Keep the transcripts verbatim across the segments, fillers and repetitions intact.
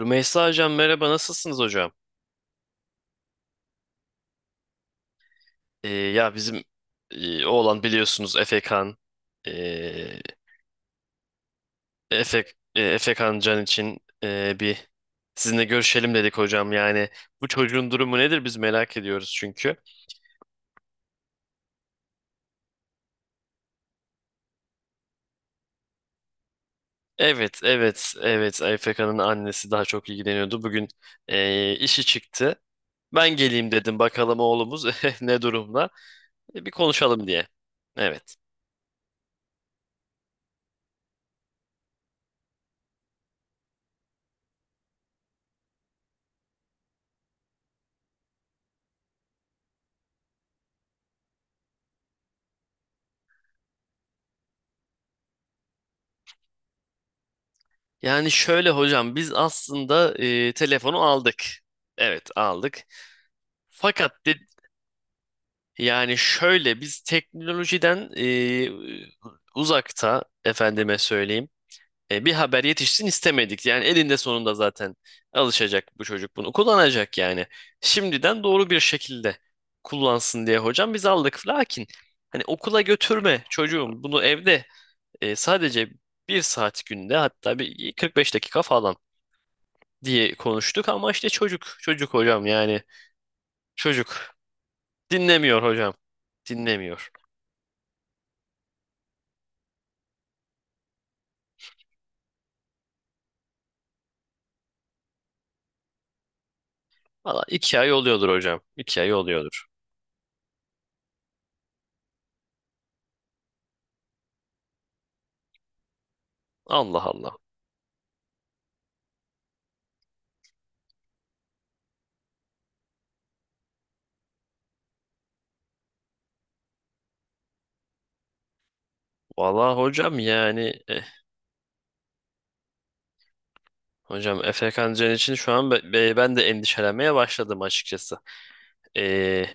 Rümeysa Hocam merhaba, nasılsınız hocam? Ee, ya bizim e, oğlan, biliyorsunuz, Efe Kan e, Efe, e, Efe Kan Can için e, bir sizinle görüşelim dedik hocam. Yani bu çocuğun durumu nedir, biz merak ediyoruz çünkü. Evet, evet, evet, Efe Kan'ın annesi daha çok ilgileniyordu. Bugün e, işi çıktı. Ben geleyim dedim, bakalım oğlumuz ne durumda. E, bir konuşalım diye. Evet. Yani şöyle hocam, biz aslında e, telefonu aldık. Evet, aldık. Fakat de, Yani şöyle biz teknolojiden e, uzakta, efendime söyleyeyim, e, bir haber yetişsin istemedik. Yani elinde sonunda zaten alışacak bu çocuk, bunu kullanacak yani. Şimdiden doğru bir şekilde kullansın diye hocam biz aldık. Lakin hani okula götürme çocuğum, bunu evde e, sadece bir saat günde, hatta bir kırk beş dakika falan diye konuştuk ama işte çocuk çocuk hocam, yani çocuk dinlemiyor hocam, dinlemiyor. Valla iki ay oluyordur hocam, iki ay oluyordur. Allah Allah. Valla hocam, yani eh, hocam Efe Kancan için şu an be- be- ben de endişelenmeye başladım açıkçası. Ee,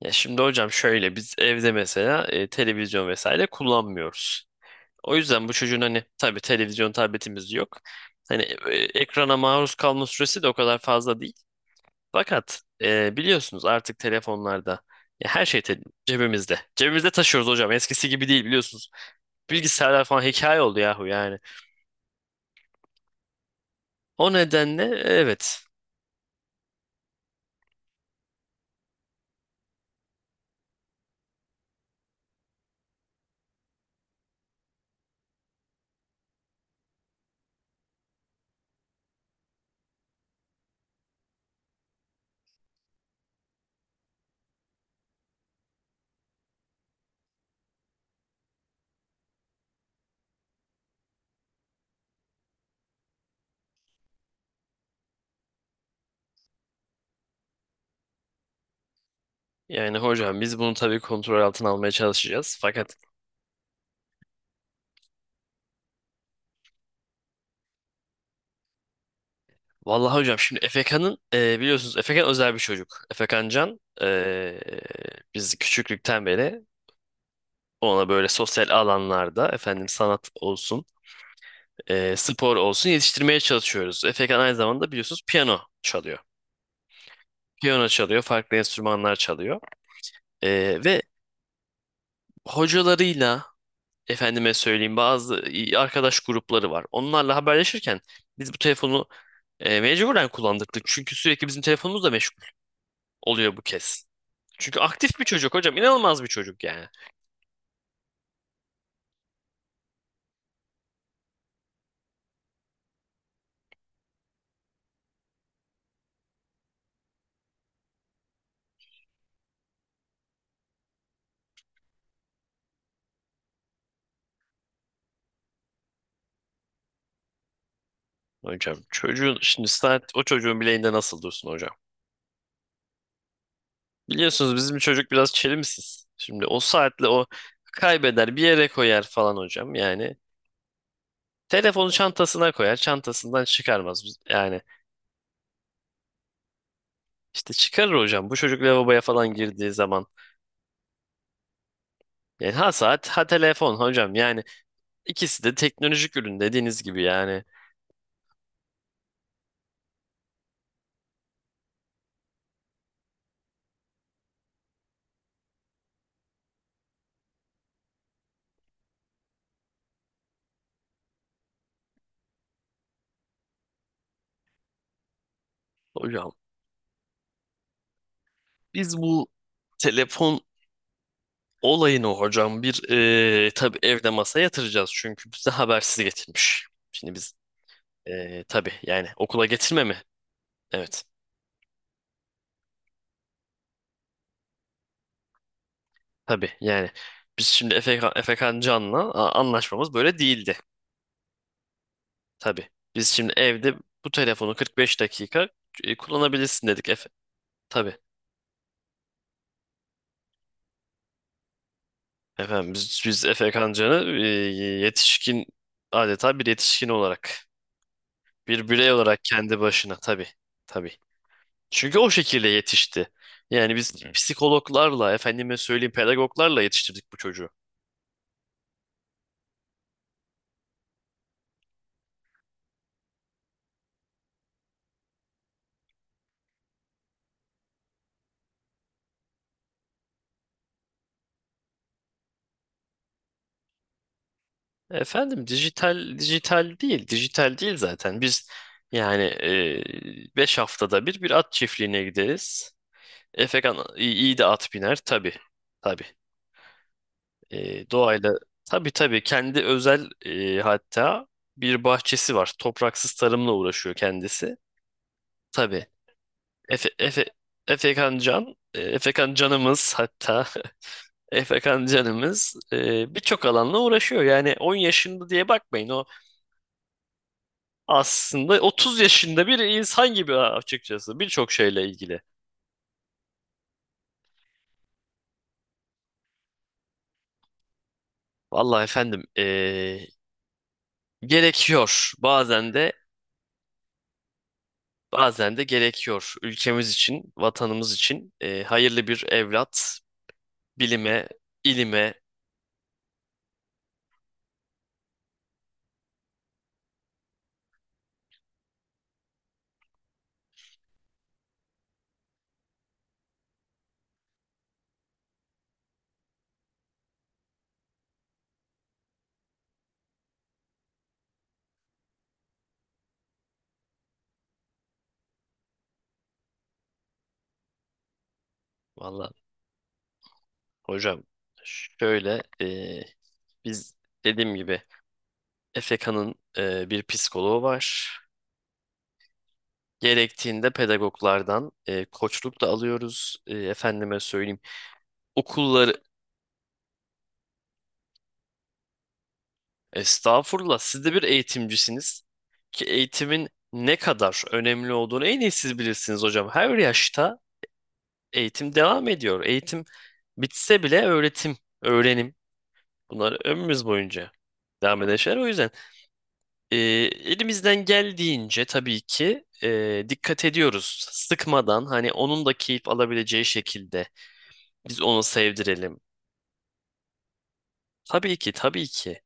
ya şimdi hocam şöyle, biz evde mesela e, televizyon vesaire kullanmıyoruz. O yüzden bu çocuğun, hani tabii, televizyon tabletimiz yok. Hani e, ekrana maruz kalma süresi de o kadar fazla değil. Fakat e, biliyorsunuz, artık telefonlarda ya her şey te- cebimizde. Cebimizde taşıyoruz hocam. Eskisi gibi değil, biliyorsunuz. Bilgisayarlar falan hikaye oldu yahu yani. O nedenle evet. Yani hocam biz bunu tabii kontrol altına almaya çalışacağız. Fakat vallahi hocam, şimdi Efekan'ın e, biliyorsunuz Efekan özel bir çocuk. Efekan Can e, biz küçüklükten beri ona böyle sosyal alanlarda, efendim, sanat olsun, e, spor olsun yetiştirmeye çalışıyoruz. Efekan aynı zamanda biliyorsunuz piyano çalıyor. Piyano çalıyor, farklı enstrümanlar çalıyor. Ee, ve hocalarıyla, efendime söyleyeyim, bazı arkadaş grupları var. Onlarla haberleşirken biz bu telefonu e, mecburen kullandırdık. Çünkü sürekli bizim telefonumuz da meşgul oluyor bu kez. Çünkü aktif bir çocuk hocam, inanılmaz bir çocuk yani. Hocam, çocuğun şimdi saat o çocuğun bileğinde nasıl dursun hocam? Biliyorsunuz bizim çocuk biraz çelimsiz. Şimdi o saatle o kaybeder, bir yere koyar falan hocam yani. Telefonu çantasına koyar, çantasından çıkarmaz. Biz- Yani İşte çıkarır hocam, bu çocuk lavaboya falan girdiği zaman. Yani ha saat ha telefon hocam yani, ikisi de teknolojik ürün dediğiniz gibi yani. Hocam biz bu telefon olayını hocam bir eee tabii evde masa yatıracağız çünkü bize habersiz getirmiş. Şimdi biz eee tabii, yani okula getirme mi? Evet. Tabii yani biz şimdi Efekan, Efekan Can'la a- anlaşmamız böyle değildi. Tabii biz şimdi evde bu telefonu kırk beş dakika e, kullanabilirsin dedik. Efe, tabii efendim, biz, biz Efekan Can'ı e, yetişkin, adeta bir yetişkin olarak, bir birey olarak kendi başına, tabii, tabii. Çünkü o şekilde yetişti. Yani biz psikologlarla, efendime söyleyeyim, pedagoglarla yetiştirdik bu çocuğu. Efendim, dijital dijital değil dijital değil zaten biz, yani e, beş haftada bir, bir at çiftliğine gideriz. Efekan iyi, iyi de at biner tabii, tabii. E, doğayla tabii, tabii, kendi özel e, hatta bir bahçesi var, topraksız tarımla uğraşıyor kendisi, tabii. Efe, Efe, Efekan Can e, Efekan Canımız, hatta Efekan Canımız e, birçok alanla uğraşıyor, yani on yaşında diye bakmayın o. Aslında otuz yaşında bir insan gibi, açıkçası birçok şeyle ilgili. Vallahi efendim eee, gerekiyor, bazen de bazen de gerekiyor ülkemiz için, vatanımız için, eee, hayırlı bir evlat, bilime, ilime. Vallahi hocam şöyle, eee, biz dediğim gibi Efekanın eee, bir psikoloğu var. Gerektiğinde pedagoglardan eee, koçluk da alıyoruz. Eee, efendime söyleyeyim okulların. Estağfurullah. Siz de bir eğitimcisiniz ki eğitimin ne kadar önemli olduğunu en iyi siz bilirsiniz hocam. Her yaşta eğitim devam ediyor. Eğitim bitse bile öğretim, öğrenim, bunlar ömrümüz boyunca devam eden şeyler. O yüzden e, elimizden geldiğince tabii ki e, dikkat ediyoruz. Sıkmadan, hani onun da keyif alabileceği şekilde biz onu sevdirelim. Tabii ki, tabii ki.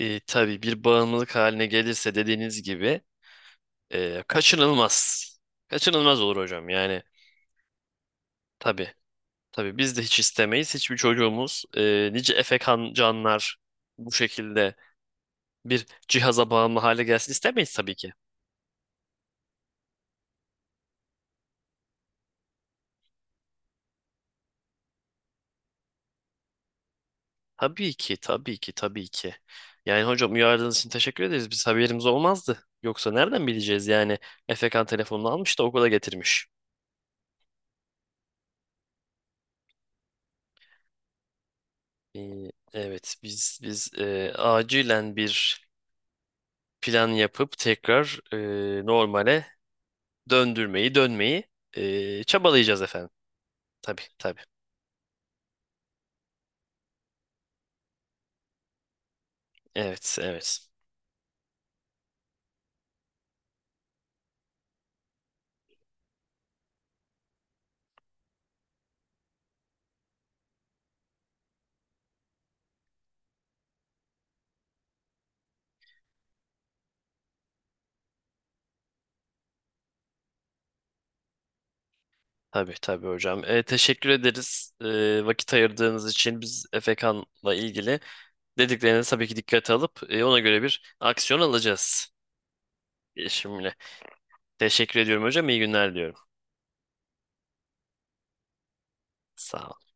E, tabii bir bağımlılık haline gelirse dediğiniz gibi e, kaçınılmaz. Kaçınılmaz olur hocam yani. Tabii, tabii, biz de hiç istemeyiz. Hiçbir çocuğumuz, e, nice efekan canlar bu şekilde bir cihaza bağımlı hale gelsin istemeyiz tabii ki. Tabii ki, tabii ki, tabii ki. Yani hocam, uyardığınız için teşekkür ederiz. Biz haberimiz olmazdı. Yoksa nereden bileceğiz yani, efekan telefonunu almış da okula getirmiş. E, evet biz biz e, acilen bir plan yapıp tekrar e, normale döndürmeyi, dönmeyi e, çabalayacağız efendim. Tabii, tabii. Evet, evet. Tabii, tabii hocam. E, teşekkür ederiz, e, vakit ayırdığınız için. Biz Efe Kan'la ilgili dediklerinizi tabii ki dikkate alıp e, ona göre bir aksiyon alacağız. E, Şimdi teşekkür ediyorum hocam. İyi günler diyorum. Sağ olun.